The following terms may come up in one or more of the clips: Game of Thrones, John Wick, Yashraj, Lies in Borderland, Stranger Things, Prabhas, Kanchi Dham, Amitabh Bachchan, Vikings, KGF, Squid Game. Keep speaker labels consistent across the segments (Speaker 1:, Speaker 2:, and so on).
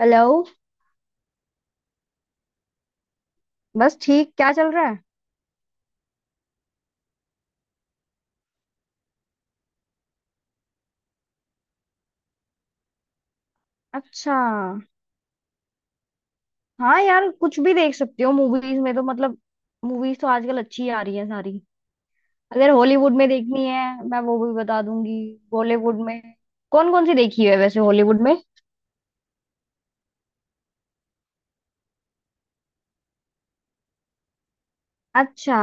Speaker 1: Hello. बस ठीक। क्या चल रहा है? अच्छा। हाँ यार, कुछ भी देख सकती हो मूवीज में तो मतलब मूवीज तो आजकल अच्छी आ रही है सारी। अगर हॉलीवुड में देखनी है मैं वो भी बता दूंगी, बॉलीवुड में। कौन कौन सी देखी है वैसे हॉलीवुड में? अच्छा,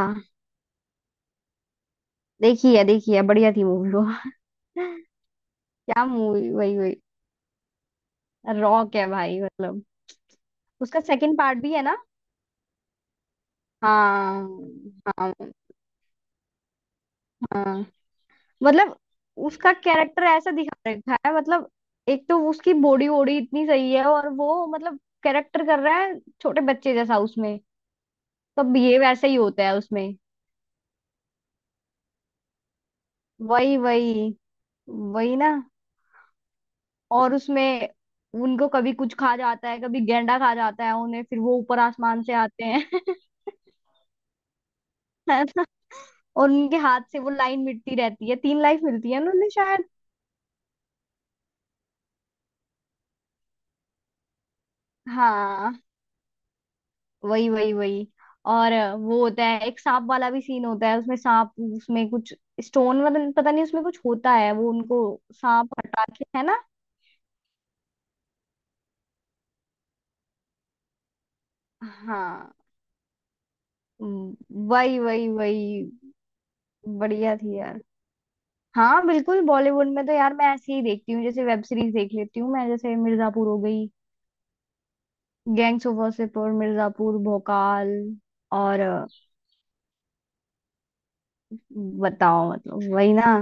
Speaker 1: देखी है देखी है, बढ़िया थी मूवी वो। क्या मूवी, वही वही। रॉक है भाई मतलब। उसका सेकंड पार्ट भी है ना। हाँ हाँ हाँ। मतलब उसका कैरेक्टर ऐसा दिखा रखा है मतलब, एक तो उसकी बॉडी वॉडी इतनी सही है और वो मतलब कैरेक्टर कर रहा है छोटे बच्चे जैसा उसमें, तो बिहेव ऐसे ही होता है उसमें। वही वही। वही ना। और उसमें उनको कभी कुछ खा जाता है, कभी गेंडा खा जाता है उन्हें, फिर वो ऊपर आसमान से आते हैं। है ना। और उनके हाथ से वो लाइन मिटती रहती है, तीन लाइफ मिलती है ना उन्हें शायद। हाँ वही वही वही। और वो होता है एक सांप वाला भी सीन होता है उसमें, सांप उसमें कुछ स्टोन, मतलब पता नहीं उसमें कुछ होता है वो उनको। सांप हटा के, है ना। हाँ। हम्म। वही वही वही। बढ़िया थी यार। हाँ बिल्कुल, बॉलीवुड में तो यार मैं ऐसे ही देखती हूँ, जैसे वेब सीरीज देख लेती हूँ मैं, जैसे मिर्जापुर हो गई, गैंग्स ऑफ वासेपुर, मिर्जापुर, भोकाल। और बताओ मतलब, वही ना।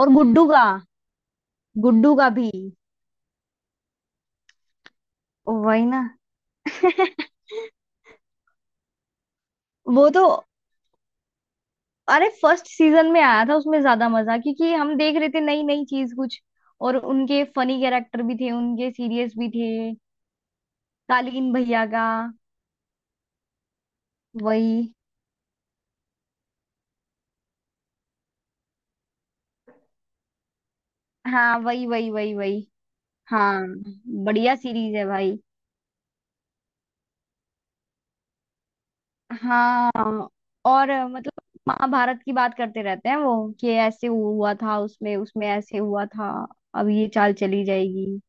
Speaker 1: और गुड्डू का। गुड्डू का भी वही ना। वो तो, अरे फर्स्ट सीजन में आया था उसमें ज्यादा मजा क्योंकि हम देख रहे थे नई नई चीज कुछ, और उनके फनी कैरेक्टर भी थे उनके सीरियस भी थे। कालीन भैया का। वही। हाँ वही वही वही वही। हाँ बढ़िया सीरीज है भाई। हाँ और मतलब, महाभारत की बात करते रहते हैं वो कि ऐसे हुआ था उसमें, उसमें ऐसे हुआ था। अब ये चाल चली जाएगी।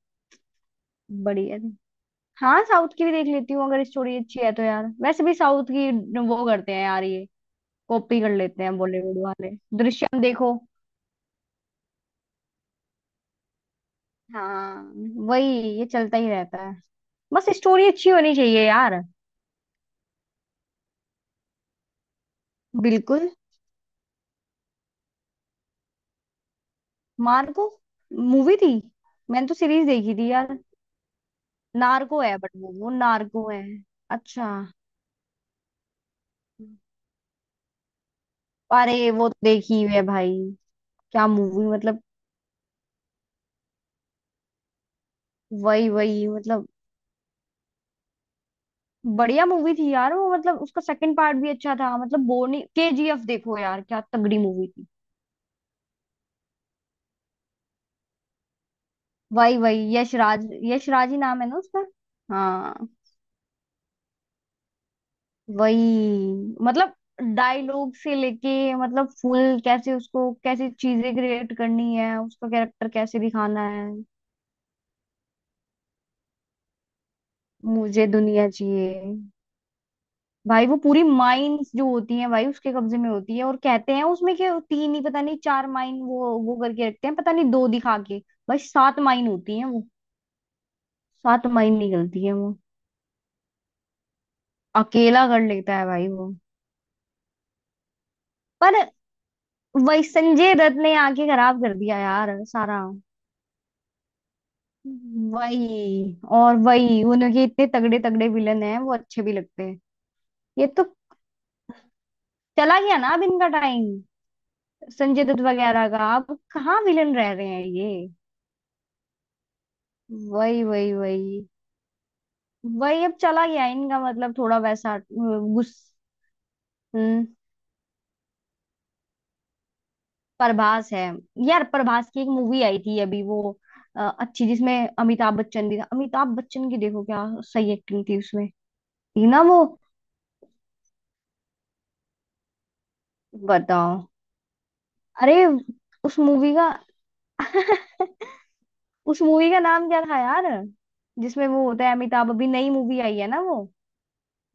Speaker 1: बढ़िया थी। हाँ साउथ की भी देख लेती हूँ अगर स्टोरी अच्छी है तो यार, वैसे भी साउथ की वो करते हैं यार, ये कॉपी कर लेते हैं बॉलीवुड वाले। दृश्यम देखो। हाँ वही, ये चलता ही रहता है। बस स्टोरी अच्छी होनी चाहिए यार। बिल्कुल। मार्को मूवी थी। मैंने तो सीरीज देखी थी यार। नार्को है बट वो नार्को है। अच्छा। अरे वो तो देखी हुई है भाई। क्या मूवी मतलब। वही वही मतलब। बढ़िया मूवी थी यार वो, मतलब उसका सेकंड पार्ट भी अच्छा था, मतलब बोर नहीं। केजीएफ देखो यार, क्या तगड़ी मूवी थी। वही वही। यशराज, यशराज ही नाम है ना उसका? हाँ। वही। मतलब डायलॉग से लेके मतलब फुल, कैसे उसको कैसी चीजें क्रिएट करनी है, उसका कैरेक्टर कैसे दिखाना है। मुझे दुनिया चाहिए। भाई वो पूरी माइंस जो होती हैं भाई उसके कब्जे में होती है, और कहते हैं उसमें कि तीन ही पता नहीं, चार माइन, वो करके रखते हैं पता नहीं, दो दिखा के। भाई सात माइन होती हैं वो। सात माइन निकलती है वो, अकेला कर लेता है भाई वो। पर वही संजय दत्त ने आके खराब कर दिया यार सारा। वही। और वही उनके इतने तगड़े तगड़े विलन हैं, वो अच्छे भी लगते हैं। ये तो चला गया ना, अब इनका टाइम। संजय दत्त वगैरह का, अब कहाँ विलन रह रहे हैं ये। वही वही वही वही। अब चला गया इनका, मतलब थोड़ा वैसा अ, गुस हम्म। प्रभास है। यार प्रभास की एक मूवी आई थी अभी वो अच्छी, जिसमें अमिताभ बच्चन भी था, अमिताभ बच्चन की देखो क्या सही एक्टिंग थी उसमें। थी ना वो। बताओ। अरे उस मूवी का, उस मूवी का नाम क्या था यार जिसमें वो होता है अमिताभ? अभी नई मूवी आई है ना वो,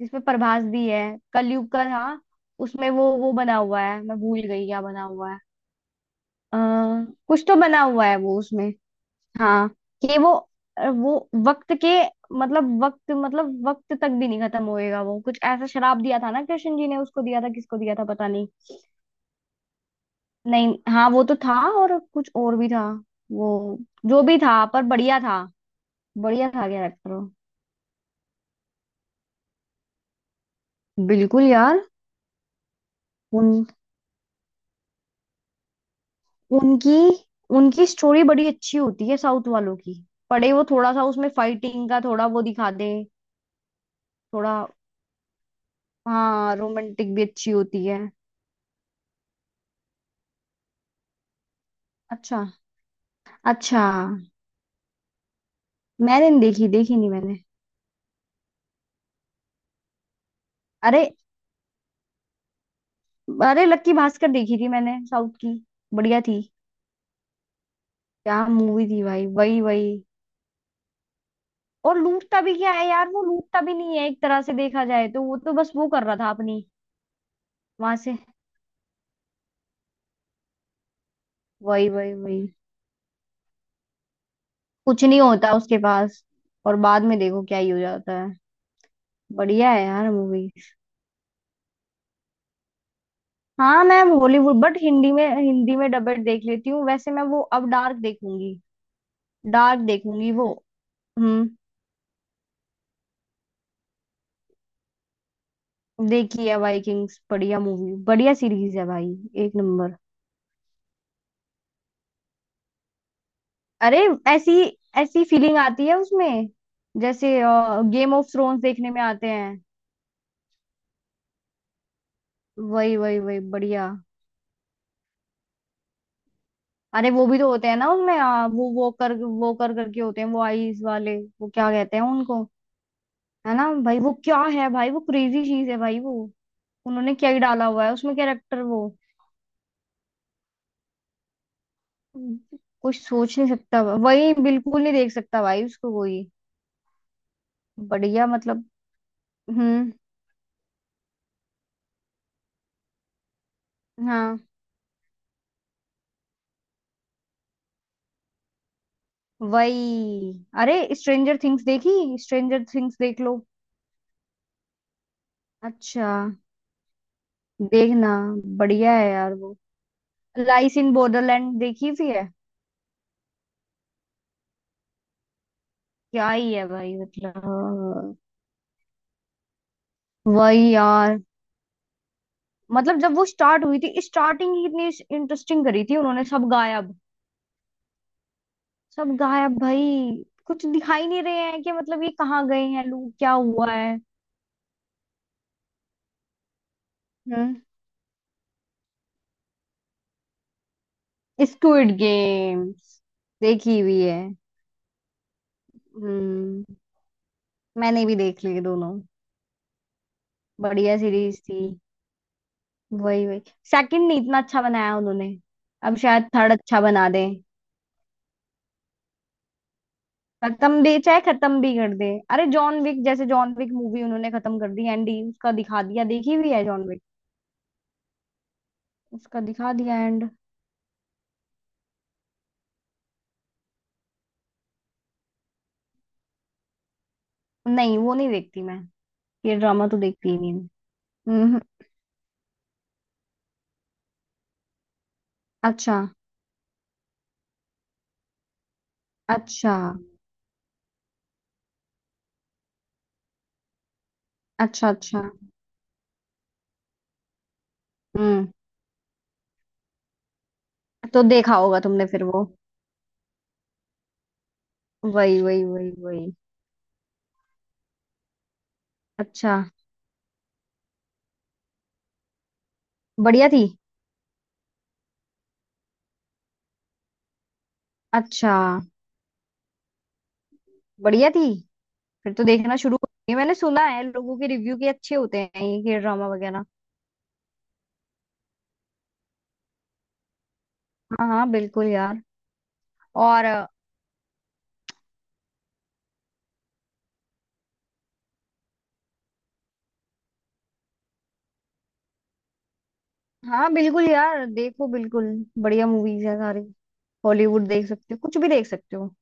Speaker 1: जिसमें प्रभास भी है। कलयुग का था। उसमें वो बना हुआ है, मैं भूल गई क्या बना हुआ है। अ, कुछ तो बना हुआ है वो उसमें। हाँ, कि वो वक्त के मतलब, वक्त मतलब वक्त तक भी नहीं खत्म होएगा, वो कुछ ऐसा शराब दिया था ना कृष्ण जी ने, उसको दिया था किसको दिया था पता नहीं। नहीं हाँ वो तो था, और कुछ और भी था वो, जो भी था पर बढ़िया था। बढ़िया था कैरेक्टर। बिल्कुल यार। उन उनकी उनकी स्टोरी बड़ी अच्छी होती है साउथ वालों की। पड़े वो थोड़ा सा उसमें, फाइटिंग का थोड़ा वो दिखा दे। थोड़ा हाँ, रोमांटिक भी अच्छी होती है। अच्छा अच्छा। मैंने नहीं देखी, देखी नहीं मैंने। अरे। अरे लक्की भास्कर देखी थी मैंने साउथ की। बढ़िया थी। क्या मूवी थी भाई, वही वही। और लूटता भी क्या है यार, वो लूटता भी नहीं है एक तरह से देखा जाए तो, वो तो बस वो कर रहा था अपनी। वहां से। वही वही वही। कुछ नहीं होता उसके पास, और बाद में देखो क्या ही हो जाता है। बढ़िया है यार मूवी। हाँ मैम हॉलीवुड बट हिंदी में डबल देख लेती हूँ वैसे मैं, वो अब डार्क देखूंगी। डार्क देखूंगी वो। हम्म। देखी है वाइकिंग्स, बढ़िया मूवी, बढ़िया सीरीज है भाई। एक नंबर। अरे ऐसी, ऐसी फीलिंग आती है उसमें जैसे गेम ऑफ थ्रोन्स देखने में आते हैं। वही वही वही बढ़िया। अरे वो भी तो होते हैं ना उनमें वो कर करके होते हैं वो, आईज वाले। वो क्या कहते हैं उनको। है ना भाई, वो क्या है भाई, वो क्रेजी चीज है भाई वो। उन्होंने क्या ही डाला हुआ है उसमें कैरेक्टर वो। कुछ सोच नहीं सकता, वही बिल्कुल नहीं देख सकता भाई उसको कोई। बढ़िया मतलब। हम्म। हाँ वही। अरे स्ट्रेंजर थिंग्स देखी, स्ट्रेंजर थिंग्स देख लो। अच्छा देखना, बढ़िया है यार वो। लाइस इन बॉर्डरलैंड देखी भी है। क्या ही है भाई मतलब। वही यार। मतलब जब वो स्टार्ट हुई थी, स्टार्टिंग ही इतनी इंटरेस्टिंग करी थी उन्होंने, सब गायब। सब गायब भाई, कुछ दिखाई नहीं रहे हैं कि मतलब ये कहाँ गए हैं लोग, क्या हुआ है। हम्म। स्क्विड गेम्स देखी हुई है। हम्म। मैंने भी देख लिए दोनों, बढ़िया सीरीज थी। वही वही। सेकंड नहीं इतना अच्छा बनाया उन्होंने, अब शायद थर्ड अच्छा बना दे। खत्म भी चाहे, खत्म भी कर दे। अरे जॉन विक, जैसे जॉन विक मूवी उन्होंने खत्म कर दी एंड उसका दिखा दिया, देखी हुई है जॉन विक? उसका दिखा दिया एंड। नहीं, वो नहीं देखती मैं। ये ड्रामा तो देखती ही नहीं मैं। हम्म। अच्छा अच्छा। अच्छा अच्छा। हम्म। तो देखा होगा तुमने फिर वो। वही वही वही वही। अच्छा। बढ़िया थी। अच्छा, बढ़िया थी। फिर तो देखना शुरू। ये मैंने सुना है लोगों के रिव्यू के अच्छे होते हैं ये के ड्रामा वगैरह। हाँ हाँ बिल्कुल यार। और हाँ बिल्कुल यार, देखो बिल्कुल। बढ़िया मूवीज है सारी। हॉलीवुड देख सकते हो, कुछ भी देख सकते हो।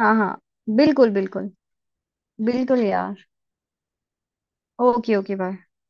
Speaker 1: हाँ हाँ बिल्कुल बिल्कुल, बिल्कुल यार। Okay, okay bye.